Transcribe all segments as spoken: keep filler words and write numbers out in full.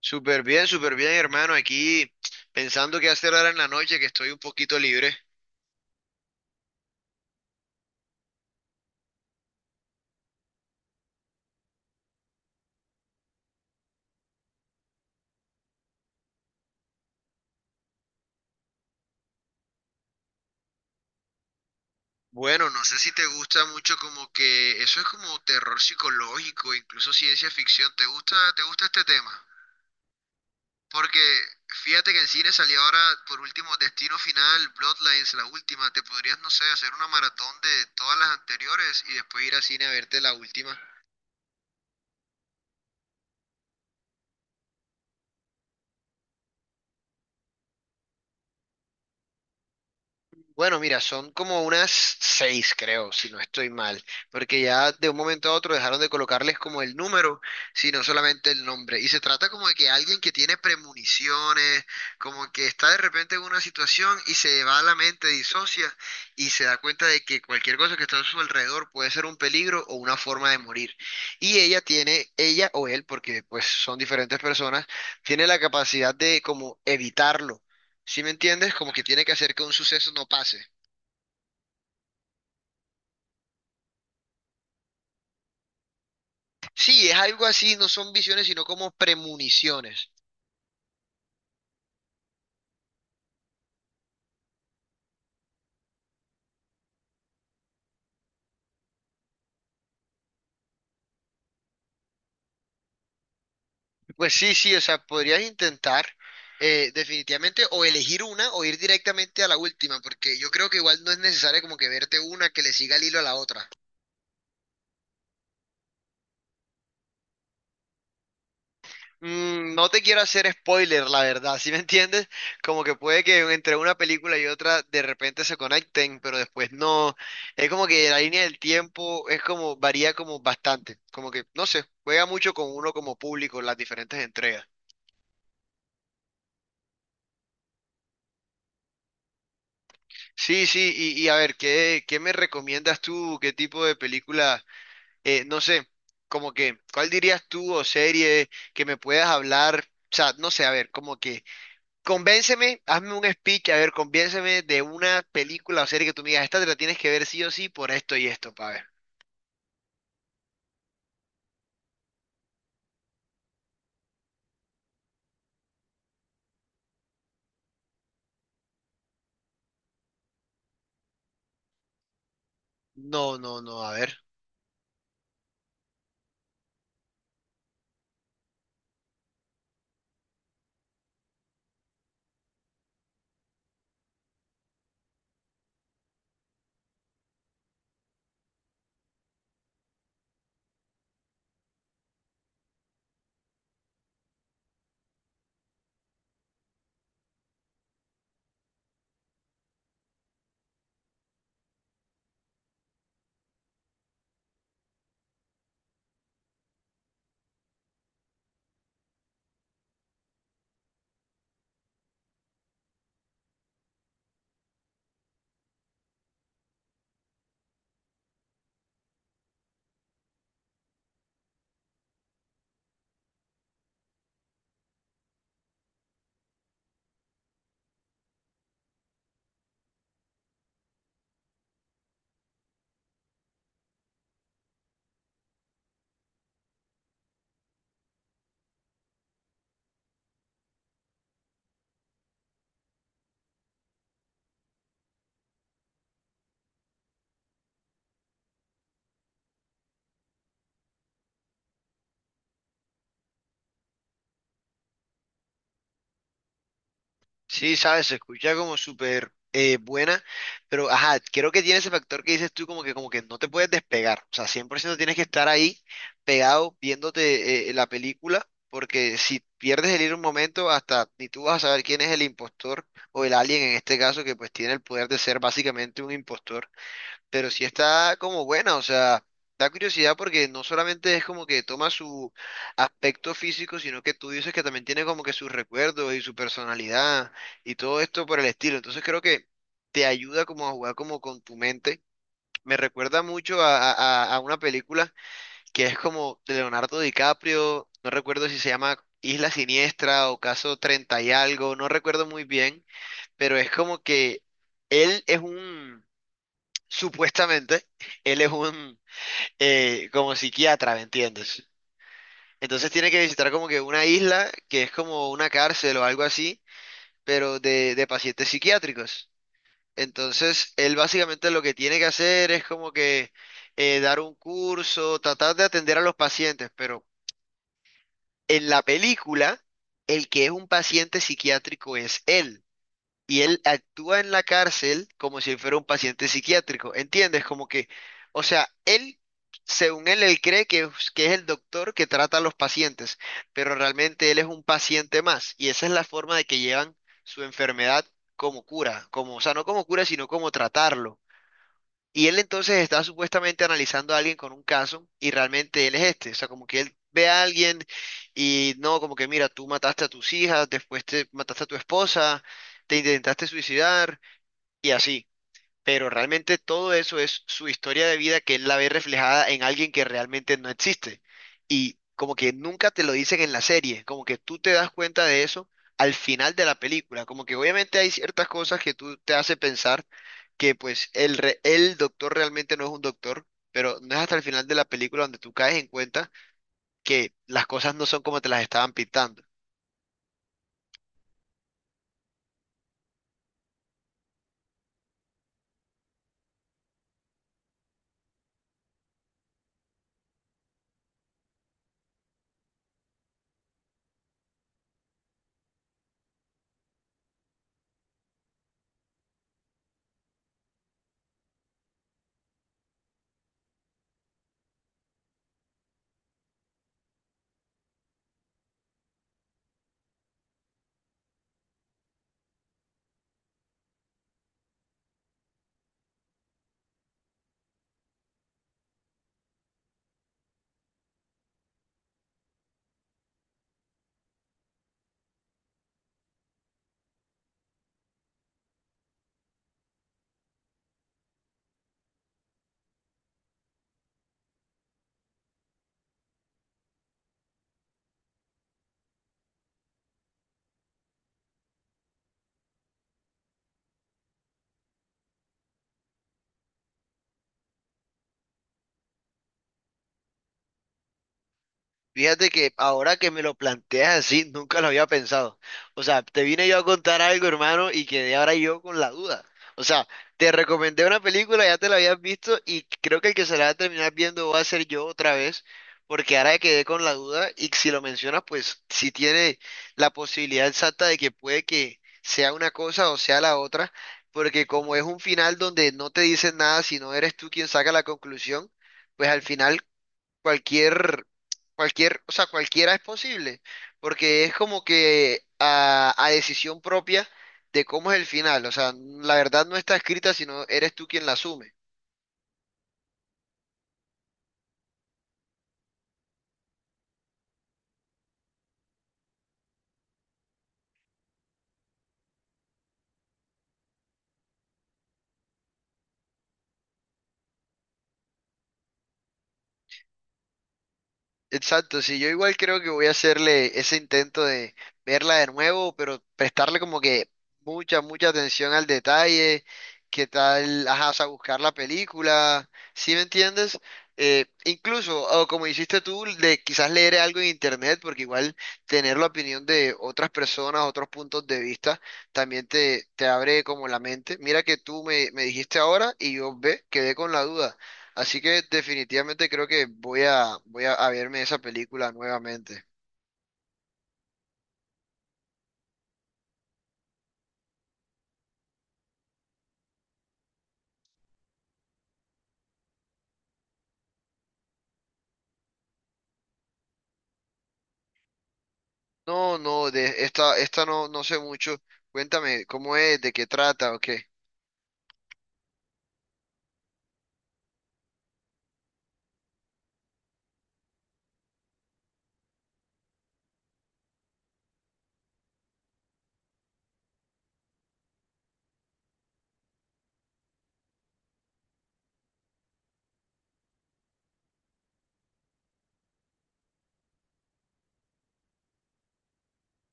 Súper bien, súper bien, hermano. Aquí pensando qué hacer ahora en la noche, que estoy un poquito libre. Bueno, no sé si te gusta mucho como que eso es como terror psicológico, incluso ciencia ficción. ¿Te gusta, te gusta este tema? Porque fíjate que en cine salió ahora por último Destino Final, Bloodlines, la última. Te podrías, no sé, hacer una maratón de todas las anteriores y después ir al cine a verte la última. Bueno, mira, son como unas seis, creo, si no estoy mal, porque ya de un momento a otro dejaron de colocarles como el número, sino solamente el nombre. Y se trata como de que alguien que tiene premoniciones, como que está de repente en una situación y se va a la mente, disocia y se da cuenta de que cualquier cosa que está a su alrededor puede ser un peligro o una forma de morir. Y ella tiene, ella o él, porque pues son diferentes personas, tiene la capacidad de como evitarlo. ¿Sí me entiendes? Como que tiene que hacer que un suceso no pase. Sí, es algo así, no son visiones, sino como premoniciones. Pues sí, sí, o sea, podrías intentar eh, definitivamente o elegir una o ir directamente a la última, porque yo creo que igual no es necesario como que verte una que le siga el hilo a la otra. Mm, no te quiero hacer spoiler, la verdad, ¿sí me entiendes? Como que puede que entre una película y otra de repente se conecten, pero después no. Es como que la línea del tiempo es como, varía como bastante. Como que, no sé, juega mucho con uno como público en las diferentes entregas. Sí, sí, y, y a ver, ¿qué, qué me recomiendas tú? ¿Qué tipo de película? Eh, no sé, como que, ¿cuál dirías tú o serie que me puedas hablar? O sea, no sé, a ver, como que convénceme, hazme un speech, a ver, convénceme de una película o serie que tú me digas, esta te la tienes que ver sí o sí por esto y esto, pa' ver. No, no, no, a ver. Sí, sabes, se escucha como súper eh, buena, pero ajá, creo que tiene ese factor que dices tú como que como que no te puedes despegar, o sea, cien por ciento tienes que estar ahí pegado viéndote eh, eh, la película, porque si pierdes el hilo un momento, hasta ni tú vas a saber quién es el impostor o el alien en este caso, que pues tiene el poder de ser básicamente un impostor, pero sí está como buena, o sea, da curiosidad porque no solamente es como que toma su aspecto físico, sino que tú dices que también tiene como que sus recuerdos y su personalidad y todo esto por el estilo. Entonces creo que te ayuda como a jugar como con tu mente. Me recuerda mucho a, a- a- a una película que es como de Leonardo DiCaprio, no recuerdo si se llama Isla Siniestra o Caso Treinta y algo, no recuerdo muy bien, pero es como que él es un, supuestamente, él es un, eh, como psiquiatra, ¿me entiendes? Entonces tiene que visitar como que una isla que es como una cárcel o algo así, pero de, de pacientes psiquiátricos. Entonces, él básicamente lo que tiene que hacer es como que eh, dar un curso, tratar de atender a los pacientes, pero en la película, el que es un paciente psiquiátrico es él, y él actúa en la cárcel como si él fuera un paciente psiquiátrico, ¿entiendes? Como que, o sea, él, según él, él cree que, es- que es el doctor que trata a los pacientes, pero realmente él es un paciente más y esa es la forma de que llevan su enfermedad como cura, como, o sea, no como cura, sino como tratarlo. Y él entonces está supuestamente analizando a alguien con un caso y realmente él es este. O sea, como que él ve a alguien y no, como que mira, tú mataste a tus hijas, después te mataste a tu esposa, te intentaste suicidar y así, pero realmente todo eso es su historia de vida que él la ve reflejada en alguien que realmente no existe. Y como que nunca te lo dicen en la serie, como que tú te das cuenta de eso al final de la película, como que obviamente hay ciertas cosas que tú te hace pensar que pues el, re- el doctor realmente no es un doctor, pero no es hasta el final de la película donde tú caes en cuenta que las cosas no son como te las estaban pintando. Fíjate que ahora que me lo planteas así, nunca lo había pensado. O sea, te vine yo a contar algo, hermano, y quedé ahora yo con la duda. O sea, te recomendé una película, ya te la habías visto, y creo que el que se la va a terminar viendo va a ser yo otra vez, porque ahora quedé con la duda, y si lo mencionas, pues si tiene la posibilidad exacta de que puede que sea una cosa o sea la otra, porque como es un final donde no te dicen nada, sino eres tú quien saca la conclusión, pues al final cualquier, cualquier, o sea, cualquiera es posible, porque es como que a, a decisión propia de cómo es el final, o sea, la verdad no está escrita, sino eres tú quien la asume. Exacto, sí, yo igual creo que voy a hacerle ese intento de verla de nuevo, pero prestarle como que mucha, mucha atención al detalle, qué tal, ajá, o sea, buscar la película, ¿sí me entiendes? Eh, incluso, o como hiciste tú, de quizás leer algo en internet, porque igual tener la opinión de otras personas, otros puntos de vista, también te, te abre como la mente. Mira que tú me, me dijiste ahora y yo ve, quedé con la duda. Así que definitivamente creo que voy a, voy a, a verme esa película nuevamente. No, no, de esta, esta no, no sé mucho. Cuéntame, ¿cómo es? ¿De qué trata? ¿O qué?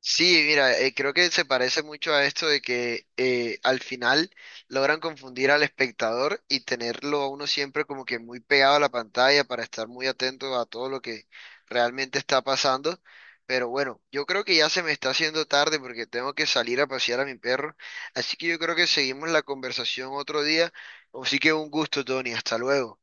Sí, mira, eh, creo que se parece mucho a esto de que eh, al final logran confundir al espectador y tenerlo a uno siempre como que muy pegado a la pantalla para estar muy atento a todo lo que realmente está pasando. Pero bueno, yo creo que ya se me está haciendo tarde porque tengo que salir a pasear a mi perro. Así que yo creo que seguimos la conversación otro día. Así que un gusto, Tony. Hasta luego.